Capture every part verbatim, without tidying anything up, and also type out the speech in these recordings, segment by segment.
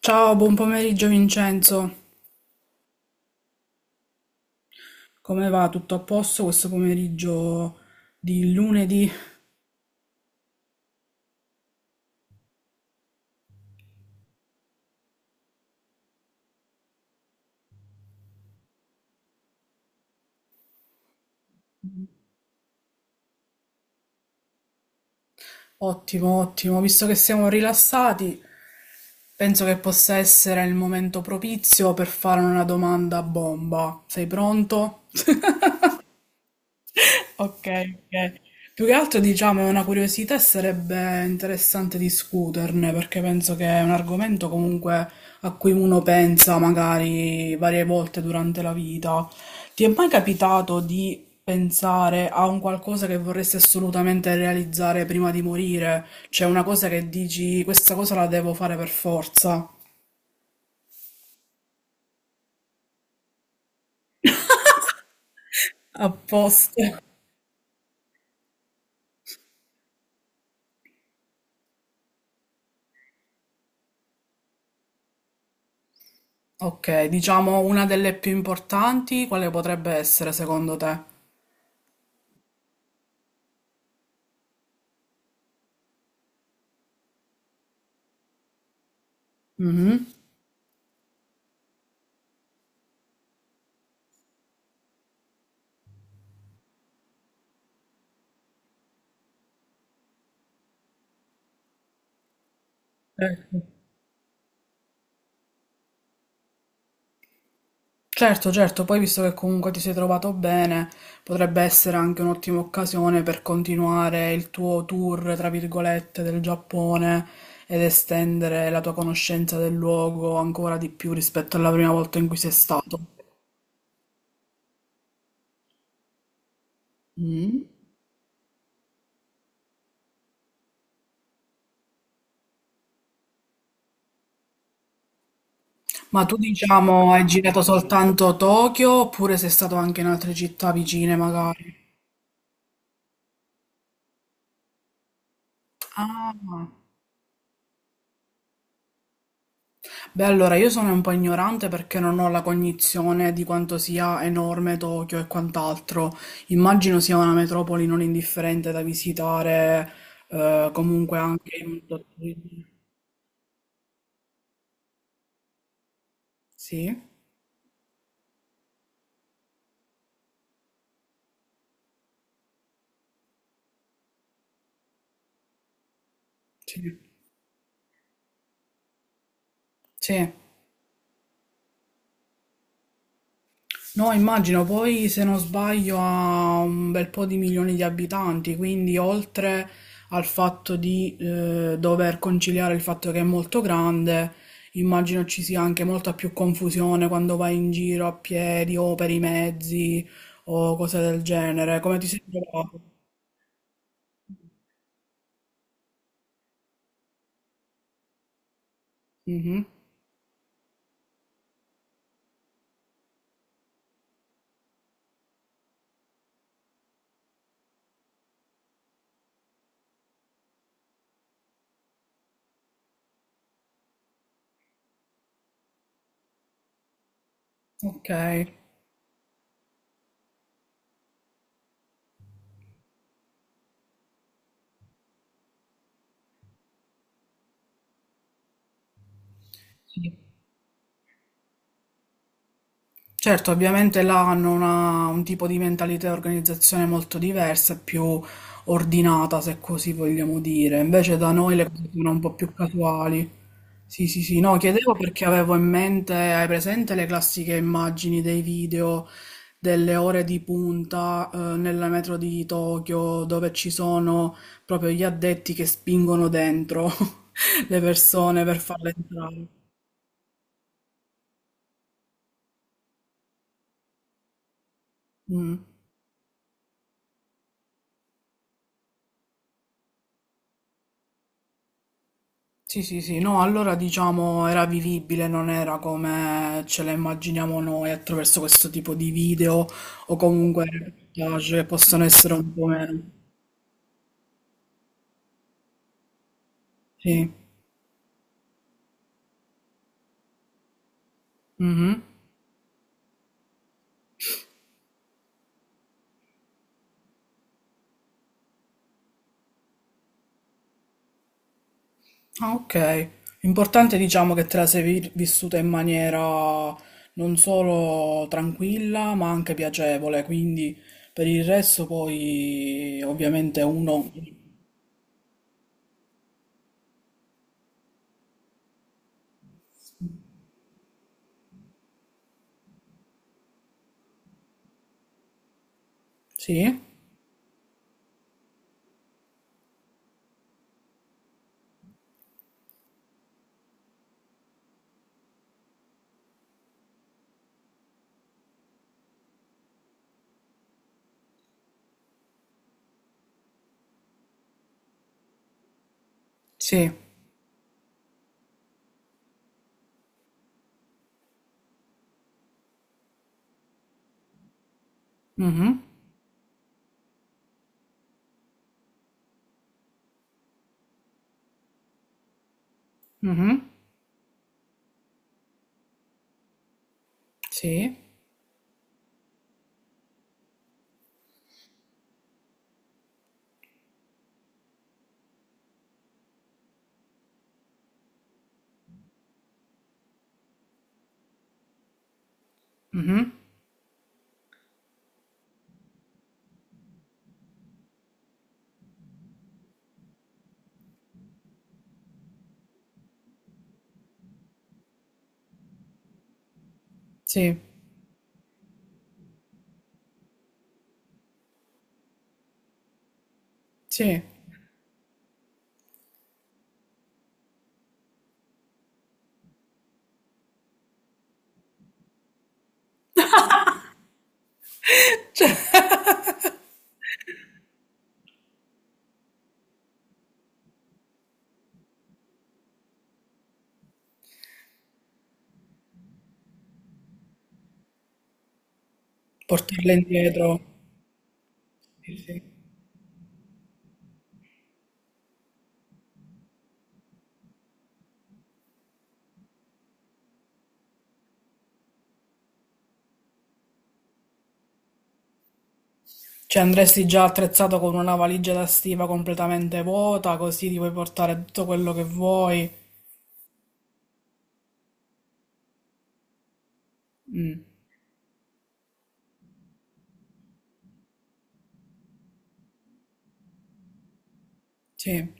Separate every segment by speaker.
Speaker 1: Ciao, buon pomeriggio Vincenzo. Come va? Tutto a posto questo pomeriggio di lunedì? Ottimo, ottimo. Visto che siamo rilassati, penso che possa essere il momento propizio per fare una domanda a bomba. Sei pronto? Ok, ok. Più che altro, diciamo, è una curiosità e sarebbe interessante discuterne perché penso che è un argomento comunque a cui uno pensa magari varie volte durante la vita. Ti è mai capitato di pensare a un qualcosa che vorresti assolutamente realizzare prima di morire? Cioè una cosa che dici, questa cosa la devo fare per forza. Apposta. Ok, diciamo una delle più importanti, quale potrebbe essere secondo te? Mhm. Ecco. Certo, certo, poi visto che comunque ti sei trovato bene, potrebbe essere anche un'ottima occasione per continuare il tuo tour, tra virgolette, del Giappone ed estendere la tua conoscenza del luogo ancora di più rispetto alla prima volta in cui sei stato. Mm. Ma tu, diciamo, hai girato soltanto Tokyo oppure sei stato anche in altre città vicine, magari? Ah, beh, allora io sono un po' ignorante perché non ho la cognizione di quanto sia enorme Tokyo e quant'altro. Immagino sia una metropoli non indifferente da visitare, eh, comunque anche in un tot- sì, sì, sì. No, immagino, poi se non sbaglio ha un bel po' di milioni di abitanti, quindi oltre al fatto di eh, dover conciliare il fatto che è molto grande, immagino ci sia anche molta più confusione quando vai in giro a piedi o per i mezzi o cose del genere. Come ti sei trovato? Mhm. Ok. Sì. Certo, ovviamente là hanno una- un tipo di mentalità e organizzazione molto diversa, più ordinata, se così vogliamo dire. Invece da noi le cose sono un po' più casuali. Sì, sì, sì, no, chiedevo perché avevo in mente, hai presente le classiche immagini dei video delle ore di punta, eh, nella metro di Tokyo, dove ci sono proprio gli addetti che spingono dentro le persone per farle entrare. Mm. Sì, sì, sì, no, allora diciamo era vivibile, non era come ce la immaginiamo noi attraverso questo tipo di video o comunque reportage che possono essere un po' meno. Sì. Mhm. Ah, ok. L'importante diciamo che te la sei vi- vissuta in maniera non solo tranquilla, ma anche piacevole, quindi per il resto poi ovviamente uno... Sì, sì. Mhm. Mhm. Sì. Mhm. Sì. Sì, portarle indietro. Sì, sì. Cioè andresti già attrezzato con una valigia da stiva completamente vuota, così ti puoi portare tutto quello che vuoi. Mm. Sì,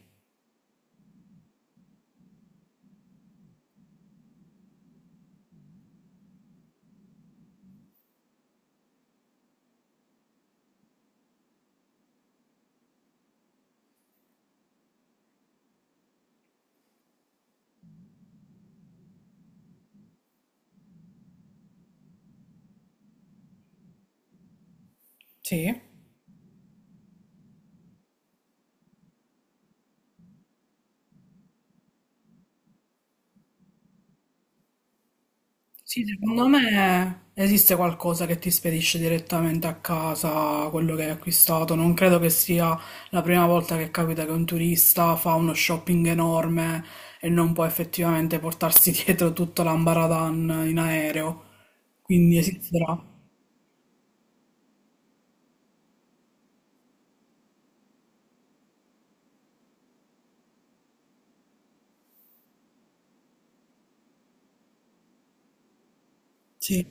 Speaker 1: sì. Sì, secondo me esiste qualcosa che ti spedisce direttamente a casa quello che hai acquistato. Non credo che sia la prima volta che capita che un turista fa uno shopping enorme e non può effettivamente portarsi dietro tutto l'ambaradan in aereo. Quindi esisterà. Sì.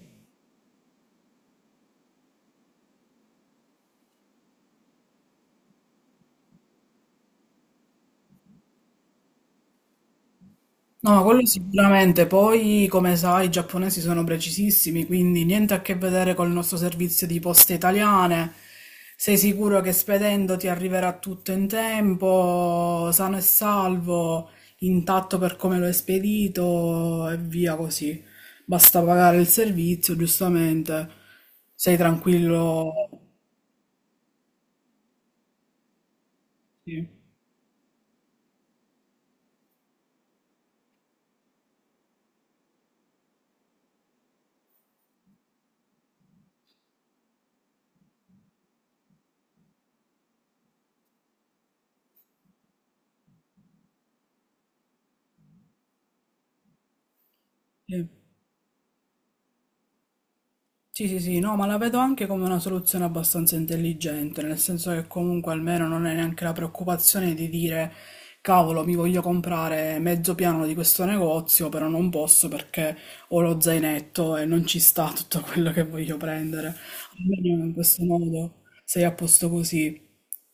Speaker 1: No, ma quello sicuramente. Poi, come sai, i giapponesi sono precisissimi, quindi niente a che vedere col nostro servizio di poste italiane. Sei sicuro che spedendo ti arriverà tutto in tempo, sano e salvo, intatto per come lo hai spedito e via così. Basta pagare il servizio, giustamente. Sei tranquillo. Sì, sì. Sì, sì, sì, no, ma la vedo anche come una soluzione abbastanza intelligente, nel senso che comunque almeno non è neanche la preoccupazione di dire, cavolo, mi voglio comprare mezzo piano di questo negozio, però non posso perché ho lo zainetto e non ci sta tutto quello che voglio prendere. Almeno in questo modo sei a posto così.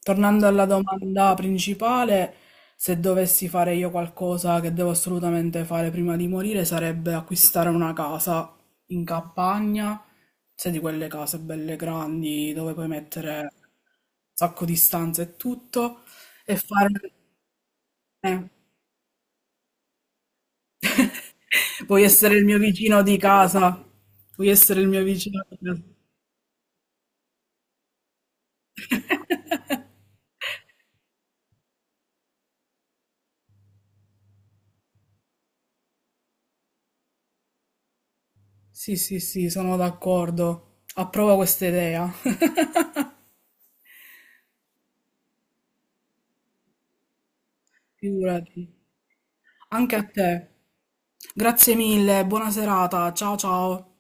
Speaker 1: Tornando alla domanda principale, se dovessi fare io qualcosa che devo assolutamente fare prima di morire, sarebbe acquistare una casa in campagna, sai di quelle case belle grandi dove puoi mettere un sacco di stanze e tutto, e fare... Eh, vuoi essere il mio vicino di casa? Vuoi essere il mio vicino di casa? Sì, sì, sì, sono d'accordo. Approvo questa idea. Figurati. Anche a te. Grazie mille, buona serata. Ciao ciao.